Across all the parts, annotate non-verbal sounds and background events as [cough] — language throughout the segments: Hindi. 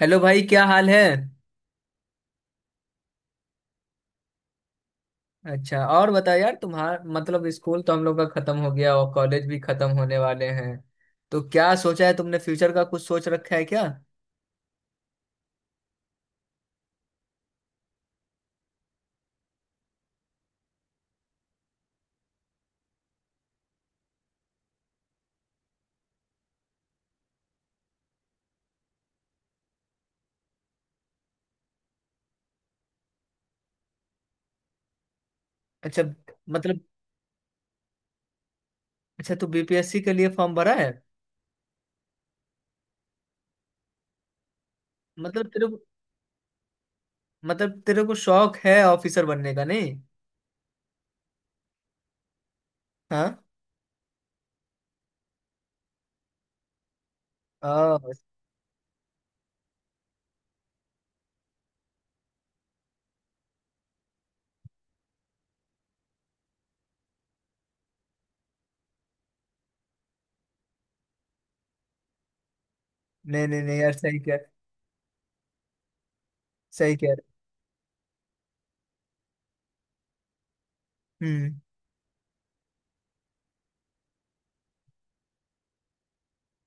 हेलो भाई, क्या हाल है? अच्छा, और बताओ यार, तुम्हारा मतलब स्कूल तो हम लोग का खत्म हो गया और कॉलेज भी खत्म होने वाले हैं। तो क्या सोचा है तुमने? फ्यूचर का कुछ सोच रखा है क्या? अच्छा। मतलब, अच्छा तू बीपीएससी के लिए फॉर्म भरा है? मतलब तेरे को मतलब तेरे को शौक है ऑफिसर बनने का, नहीं? हाँ। आ, नहीं, नहीं, नहीं यार, सही कह। सही कह रहे। हम्म।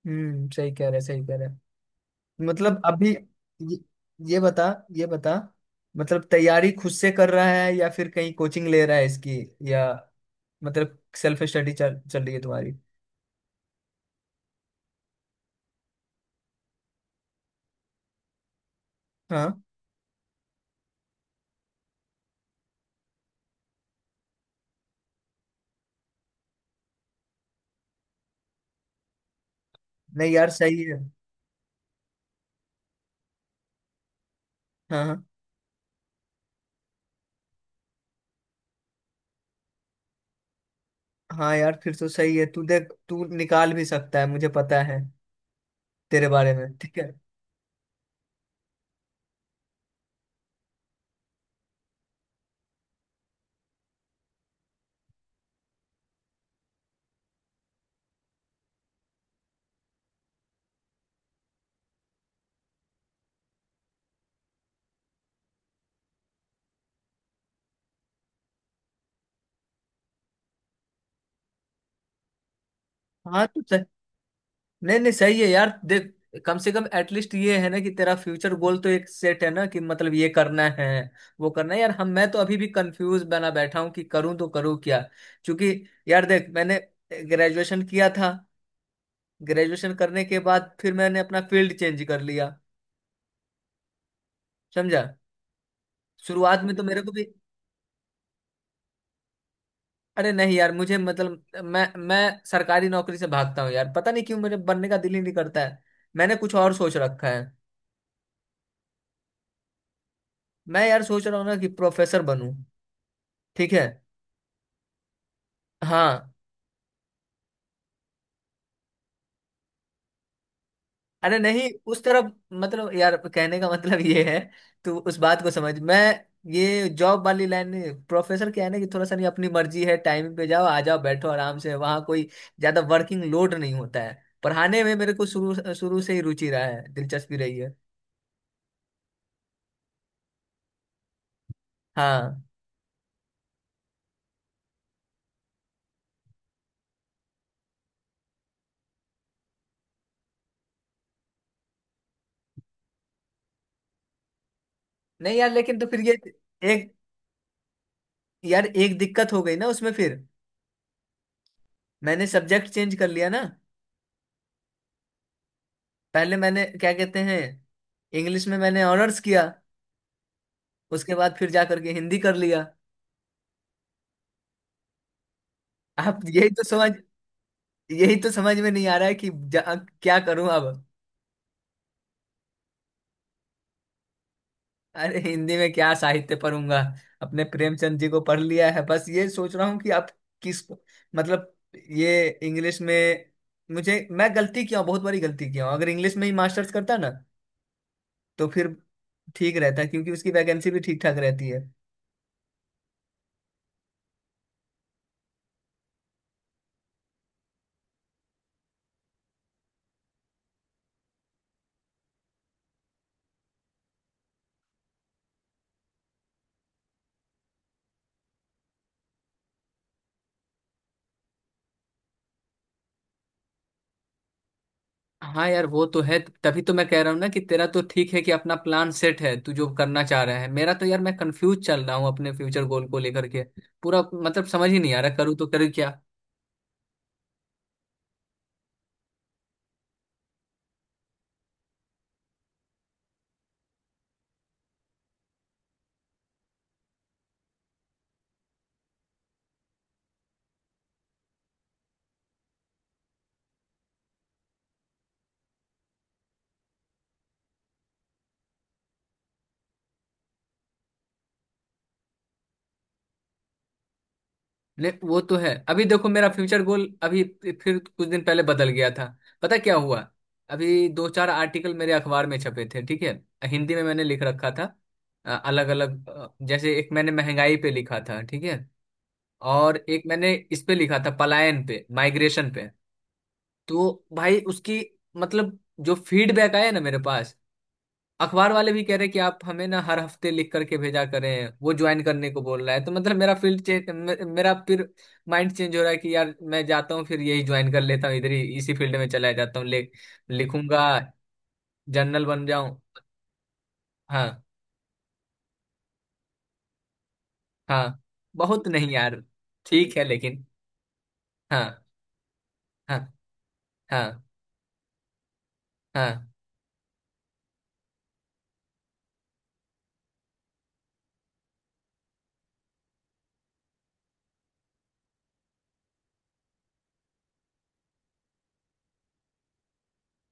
सही कह रहे, सही कह रहे। मतलब अभी ये, ये बता। ये बता मतलब तैयारी खुद से कर रहा है, या फिर कहीं कोचिंग ले रहा है इसकी, या मतलब सेल्फ स्टडी चल चल रही है तुम्हारी? हाँ। नहीं यार, सही है। हाँ, हाँ। हाँ यार, फिर तो सही है। तू देख, तू निकाल भी सकता है, मुझे पता है तेरे बारे में। ठीक है। हाँ, तो नहीं, नहीं, सही है यार, देख। कम से कम एटलीस्ट ये है ना कि तेरा फ्यूचर गोल तो एक सेट है, ना कि मतलब ये करना है, वो करना है। यार, हम मैं तो अभी भी कंफ्यूज बना बैठा हूँ कि करूँ तो करूँ क्या। क्योंकि यार, देख मैंने ग्रेजुएशन किया था। ग्रेजुएशन करने के बाद फिर मैंने अपना फील्ड चेंज कर लिया, समझा। शुरुआत में तो मेरे को भी। अरे नहीं यार, मुझे मतलब मैं सरकारी नौकरी से भागता हूँ यार, पता नहीं क्यों मेरे बनने का दिल ही नहीं करता है। मैंने कुछ और सोच रखा है। मैं यार सोच रहा हूँ ना कि प्रोफेसर बनूं। ठीक है। हाँ। अरे नहीं, उस तरफ मतलब, यार कहने का मतलब ये है, तू उस बात को समझ। मैं ये जॉब वाली लाइन नहीं। प्रोफेसर क्या है ना कि थोड़ा सा नहीं, अपनी मर्जी है, टाइम पे जाओ, आ जाओ, बैठो आराम से, वहाँ कोई ज्यादा वर्किंग लोड नहीं होता है। पढ़ाने में मेरे को शुरू शुरू से ही रुचि रहा है, दिलचस्पी रही है। हाँ, नहीं यार, लेकिन तो फिर ये एक यार, एक दिक्कत हो गई ना उसमें फिर। मैंने सब्जेक्ट चेंज कर लिया ना। पहले मैंने क्या कहते हैं, इंग्लिश में मैंने ऑनर्स किया। उसके बाद फिर जा करके हिंदी कर लिया। आप यही तो समझ में नहीं आ रहा है कि क्या करूं अब। अरे हिंदी में क्या साहित्य पढ़ूंगा, अपने प्रेमचंद जी को पढ़ लिया है बस। ये सोच रहा हूँ कि आप किस मतलब, ये इंग्लिश में, मुझे मैं गलती किया हूं, बहुत बड़ी गलती किया हूं। अगर इंग्लिश में ही मास्टर्स करता ना, तो फिर ठीक रहता, क्योंकि उसकी वैकेंसी भी ठीक ठाक रहती है। हाँ यार, वो तो है। तभी तो मैं कह रहा हूँ ना कि तेरा तो ठीक है कि अपना प्लान सेट है, तू जो करना चाह रहा है। मेरा तो यार, मैं कंफ्यूज चल रहा हूँ अपने फ्यूचर गोल को लेकर के। पूरा मतलब समझ ही नहीं आ रहा, करूँ तो करूँ क्या। नहीं, वो तो है। अभी देखो मेरा फ्यूचर गोल अभी फिर कुछ दिन पहले बदल गया था। पता क्या हुआ, अभी दो चार आर्टिकल मेरे अखबार में छपे थे, ठीक है। हिंदी में मैंने लिख रखा था, अलग अलग। जैसे एक मैंने महंगाई पे लिखा था, ठीक है। और एक मैंने इस पे लिखा था, पलायन पे, माइग्रेशन पे। तो भाई उसकी मतलब, जो फीडबैक आया ना मेरे पास, अखबार वाले भी कह रहे कि आप हमें ना हर हफ्ते लिख करके भेजा करें, वो ज्वाइन करने को बोल रहा है। तो मतलब मेरा फिर माइंड चेंज हो रहा है कि यार, मैं जाता हूँ फिर यही ज्वाइन कर लेता हूँ, इधर ही इसी फील्ड में चला जाता हूँ, ले। लिखूंगा, जर्नल बन जाऊं। हाँ। हाँ। बहुत नहीं यार। ठीक है, लेकिन। हाँ, हाँ, हाँ, हाँ।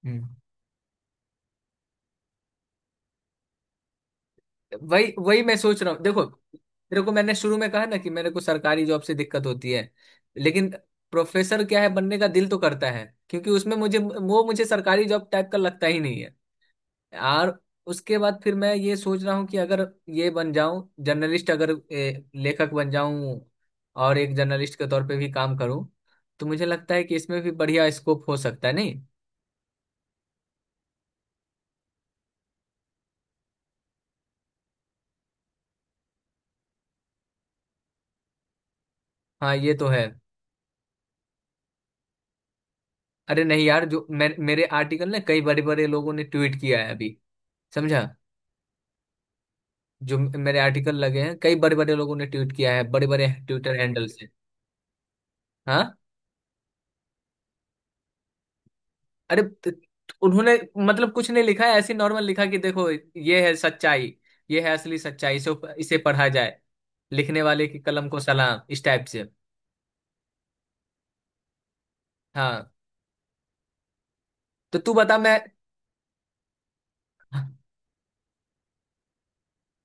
हम्म। वही वही मैं सोच रहा हूँ, देखो। तेरे को मैंने शुरू में कहा ना कि मेरे को सरकारी जॉब से दिक्कत होती है, लेकिन प्रोफेसर क्या है, बनने का दिल तो करता है। क्योंकि उसमें मुझे सरकारी जॉब टाइप का लगता ही नहीं है। और उसके बाद फिर मैं ये सोच रहा हूँ कि अगर ये बन जाऊं जर्नलिस्ट, अगर लेखक बन जाऊं, और एक जर्नलिस्ट के तौर पे भी काम करूं, तो मुझे लगता है कि इसमें भी बढ़िया स्कोप हो सकता है, नहीं? हाँ, ये तो है। अरे नहीं यार, जो मेरे आर्टिकल ने कई बड़े बड़े लोगों ने ट्वीट किया है अभी, समझा। जो मेरे आर्टिकल लगे हैं, कई बड़े बड़े लोगों ने ट्वीट किया है, बड़े बड़े ट्विटर हैंडल से। हाँ। अरे उन्होंने मतलब कुछ नहीं लिखा है, ऐसे नॉर्मल लिखा, कि देखो, ये है सच्चाई, ये है असली सच्चाई, इसे इसे पढ़ा जाए, लिखने वाले की कलम को सलाम, इस टाइप से। हाँ, तो तू बता मैं।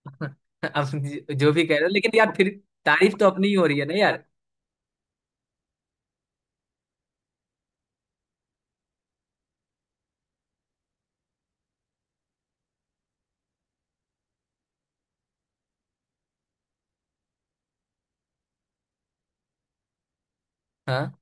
[laughs] अब जो भी कह रहे हो, लेकिन यार फिर तारीफ तो अपनी ही हो रही है ना यार। हाँ।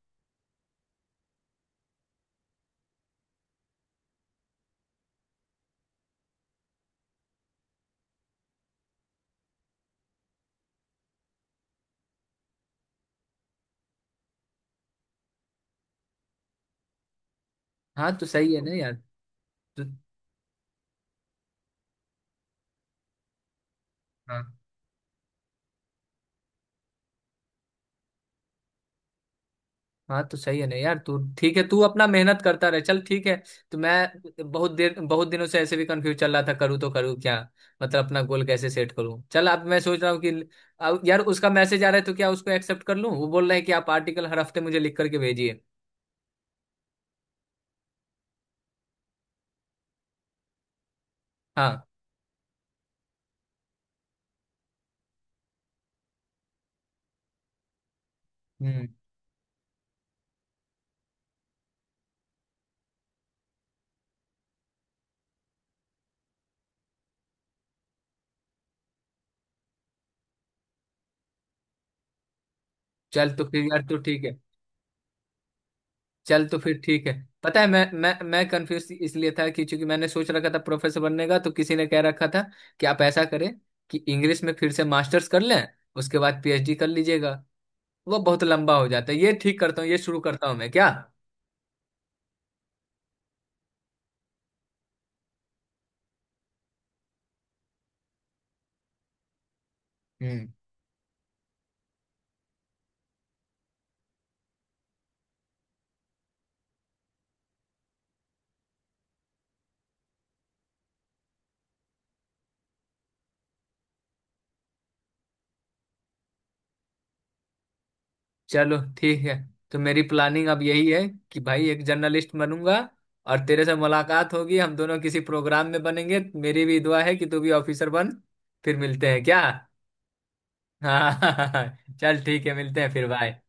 हाँ, तो सही है ना यार। तो, हाँ। हाँ, तो सही है ना यार, तू ठीक है। तू अपना मेहनत करता रहे, चल ठीक है। तो मैं बहुत दिनों से ऐसे भी कंफ्यूज चल रहा था, करूँ तो करूँ क्या, मतलब अपना गोल कैसे सेट करूँ। चल, अब मैं सोच रहा हूँ कि अब यार उसका मैसेज आ रहा है, तो क्या उसको एक्सेप्ट कर लूँ, वो बोल रहा है कि आप आर्टिकल हर हफ्ते मुझे लिख करके भेजिए। हाँ। हम्म। चल, तो फिर यार तू ठीक है। चल, तो फिर ठीक है। पता है, मैं कंफ्यूज इसलिए था कि चूंकि मैंने सोच रखा था प्रोफेसर बनने का, तो किसी ने कह रखा था कि आप ऐसा करें कि इंग्लिश में फिर से मास्टर्स कर लें, उसके बाद पीएचडी कर लीजिएगा। वो बहुत लंबा हो जाता है। ये ठीक करता हूँ, ये शुरू करता हूँ मैं क्या। हम्म। चलो ठीक है। तो मेरी प्लानिंग अब यही है कि भाई एक जर्नलिस्ट बनूंगा, और तेरे से मुलाकात होगी, हम दोनों किसी प्रोग्राम में बनेंगे। मेरी भी दुआ है कि तू भी ऑफिसर बन। फिर मिलते हैं क्या? हाँ। [laughs] चल ठीक है, मिलते हैं फिर। बाय।